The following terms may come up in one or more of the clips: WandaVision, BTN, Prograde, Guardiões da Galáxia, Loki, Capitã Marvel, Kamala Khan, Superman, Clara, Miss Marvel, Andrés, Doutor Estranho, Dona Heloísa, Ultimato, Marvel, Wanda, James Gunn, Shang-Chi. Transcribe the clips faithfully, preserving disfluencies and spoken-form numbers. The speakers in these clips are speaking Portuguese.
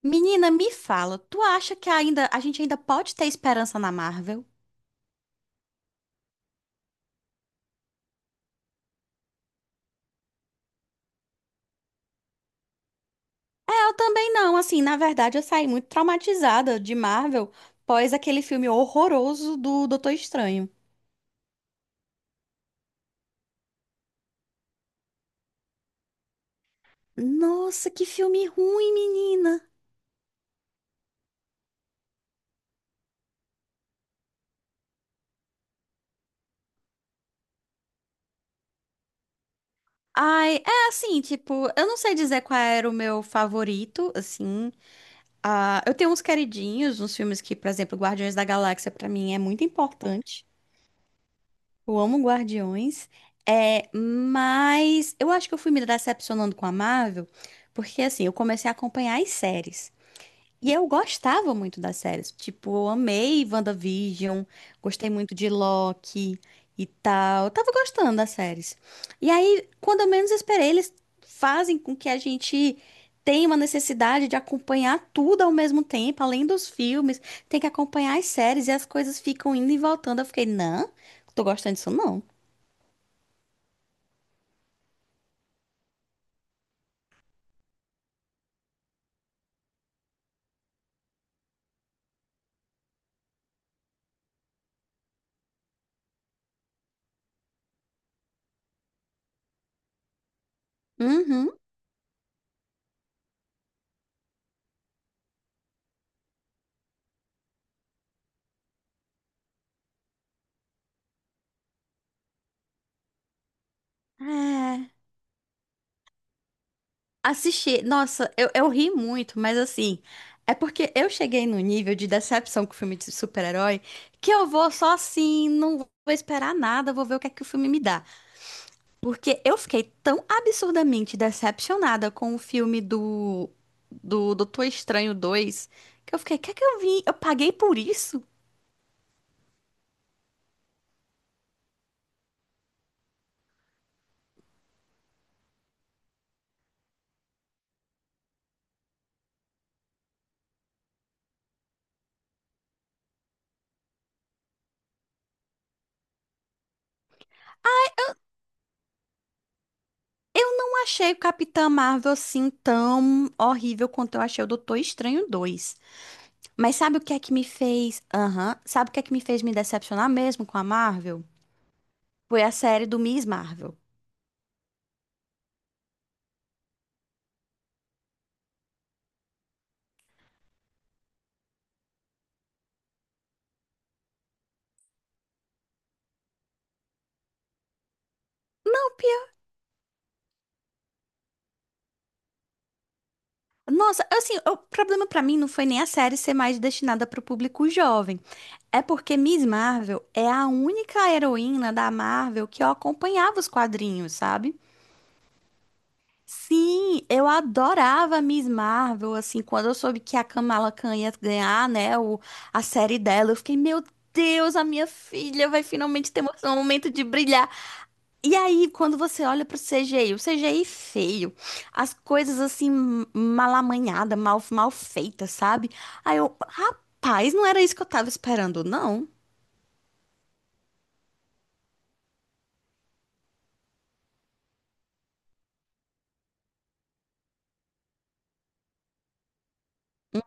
Menina, me fala, tu acha que ainda a gente ainda pode ter esperança na Marvel? É, eu também não, assim, na verdade eu saí muito traumatizada de Marvel pós aquele filme horroroso do Doutor Estranho. Nossa, que filme ruim, menina. Ai, é assim, tipo, eu não sei dizer qual era o meu favorito, assim. Ah, eu tenho uns queridinhos, uns filmes que, por exemplo, Guardiões da Galáxia pra mim é muito importante. Eu amo Guardiões, é, mas eu acho que eu fui me decepcionando com a Marvel, porque assim, eu comecei a acompanhar as séries. E eu gostava muito das séries. Tipo, eu amei WandaVision, gostei muito de Loki e tal. Eu tava gostando das séries. E aí, quando eu menos esperei, eles fazem com que a gente tenha uma necessidade de acompanhar tudo ao mesmo tempo, além dos filmes, tem que acompanhar as séries e as coisas ficam indo e voltando. Eu fiquei, não, tô gostando disso não. Uhum. É. Assisti, nossa, eu, eu ri muito, mas assim, é porque eu cheguei no nível de decepção com o filme de super-herói que eu vou só assim, não vou esperar nada, vou ver o que é que o filme me dá. Porque eu fiquei tão absurdamente decepcionada com o filme do do Doutor Estranho dois que eu fiquei, quer que eu vim? Eu paguei por isso? Eu não achei o Capitã Marvel assim tão horrível quanto eu achei o Doutor Estranho dois. Mas sabe o que é que me fez? Aham. Sabe o que é que me fez me decepcionar mesmo com a Marvel? Foi a série do Miss Marvel. Não, pior. Nossa, assim, o problema pra mim não foi nem a série ser mais destinada pro público jovem. É porque Miss Marvel é a única heroína da Marvel que eu acompanhava os quadrinhos, sabe? Sim, eu adorava a Miss Marvel, assim, quando eu soube que a Kamala Khan ia ganhar, né, o, a série dela, eu fiquei, meu Deus, a minha filha vai finalmente ter um momento de brilhar. E aí, quando você olha pro C G I, o C G I feio, as coisas assim, mal amanhada, mal, mal feitas, sabe? Aí eu, rapaz, não era isso que eu tava esperando, não.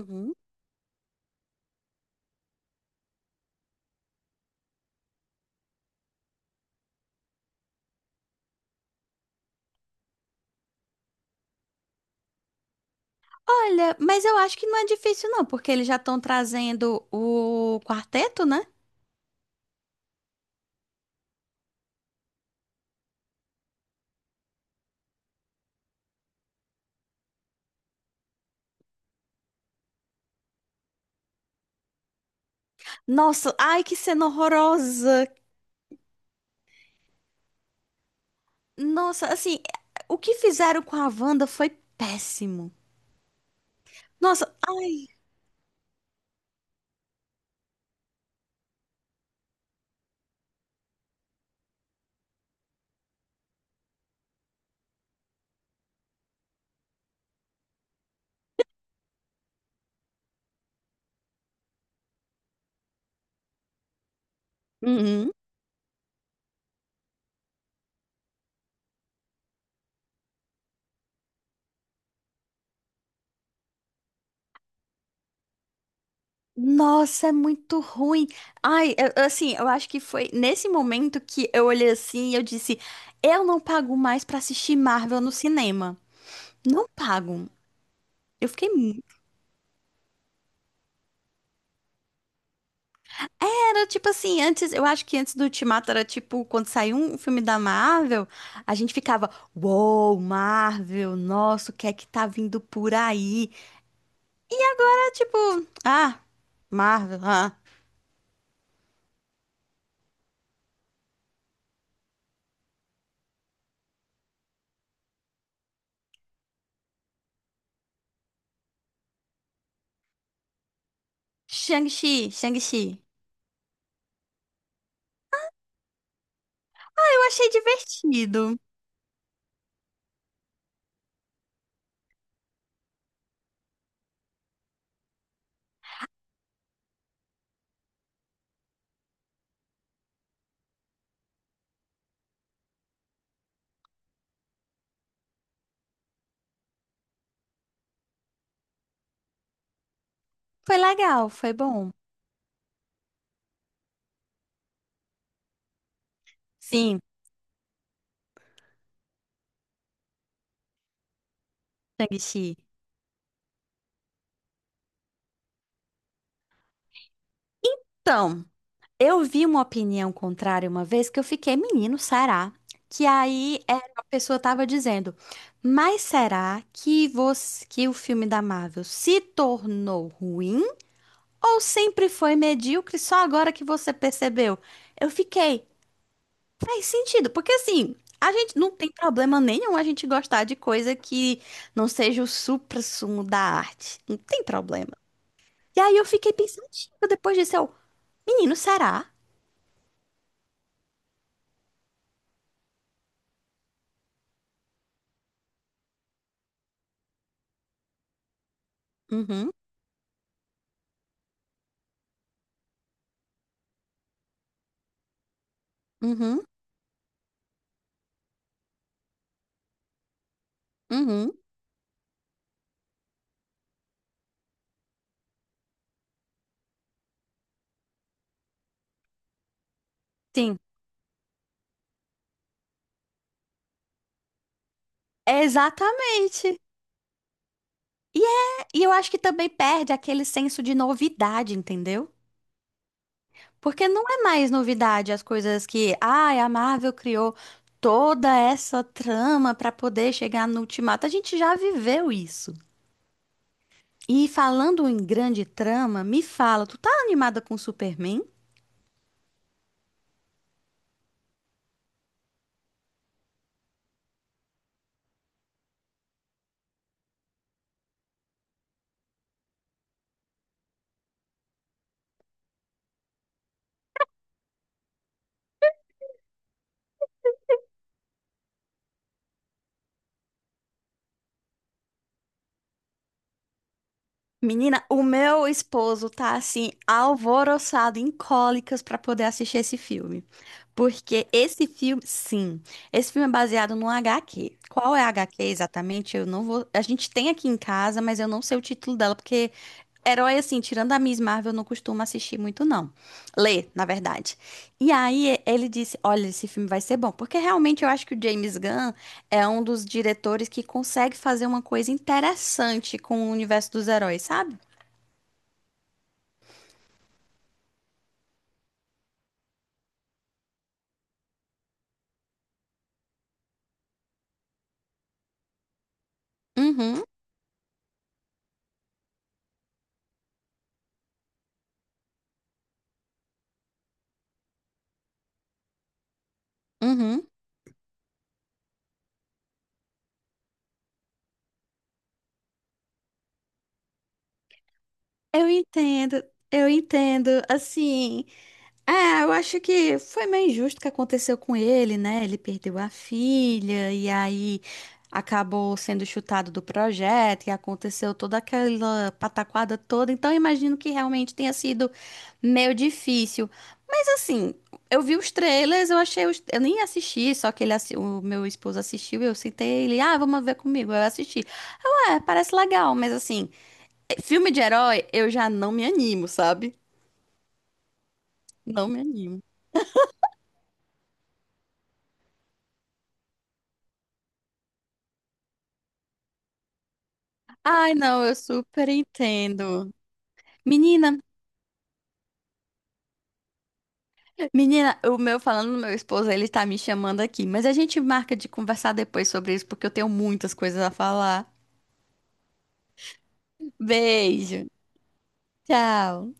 Uhum. Olha, mas eu acho que não é difícil, não, porque eles já estão trazendo o quarteto, né? Nossa, ai, que cena horrorosa! Nossa, assim, o que fizeram com a Wanda foi péssimo. Nossa, ai. Uhum. Nossa, é muito ruim. Ai, eu- eu, assim, eu acho que foi nesse momento que eu olhei assim e eu disse: eu não pago mais pra assistir Marvel no cinema. Não pago. Eu fiquei. mu- Era tipo assim, antes, eu acho que antes do Ultimato era tipo, quando saiu um filme da Marvel, a gente ficava: uou, Marvel, nossa, o que é que tá vindo por aí? É tipo, ah, Marvel, ah. Shang-Chi, Shang-Chi. Ah, eu achei divertido. Foi legal, foi bom. Sim. Shang-Chi. Então, eu vi uma opinião contrária uma vez que eu fiquei, menino, será? Que aí é, a pessoa tava dizendo, mas será que você, que o filme da Marvel se tornou ruim ou sempre foi medíocre só agora que você percebeu? Eu fiquei, faz sentido, porque assim, a gente não tem problema nenhum a gente gostar de coisa que não seja o suprassumo da arte. Não tem problema. E aí eu fiquei pensativa depois disso, eu, menino, será? Uhum, uhum, uhum. Sim, exatamente. E é, e eu acho que também perde aquele senso de novidade, entendeu? Porque não é mais novidade as coisas que, ai, a Marvel criou toda essa trama pra poder chegar no Ultimato. A gente já viveu isso. E falando em grande trama, me fala, tu tá animada com Superman? Menina, o meu esposo tá assim, alvoroçado em cólicas pra poder assistir esse filme. Porque esse filme, sim, esse filme é baseado num H Q. Qual é a H Q exatamente? Eu não vou. A gente tem aqui em casa, mas eu não sei o título dela, porque herói, assim, tirando a Miss Marvel, eu não costumo assistir muito, não. Lê, na verdade. E aí ele disse: olha, esse filme vai ser bom. Porque realmente eu acho que o James Gunn é um dos diretores que consegue fazer uma coisa interessante com o universo dos heróis, sabe? Uhum, uhum. Eu entendo, eu entendo. Assim, é, eu acho que foi meio injusto o que aconteceu com ele, né? Ele perdeu a filha e aí acabou sendo chutado do projeto e aconteceu toda aquela pataquada toda. Então, eu imagino que realmente tenha sido meio difícil. Mas assim, eu vi os trailers, eu achei os... eu nem assisti, só que ele assi- o meu esposo assistiu e eu citei ele, ah, vamos ver comigo. Eu assisti. Eu, é, parece legal, mas assim, filme de herói eu já não me animo, sabe? Não me animo. Ai, não, eu super entendo. Menina, menina, o meu falando do meu esposo, ele tá me chamando aqui, mas a gente marca de conversar depois sobre isso, porque eu tenho muitas coisas a falar. Beijo. Tchau.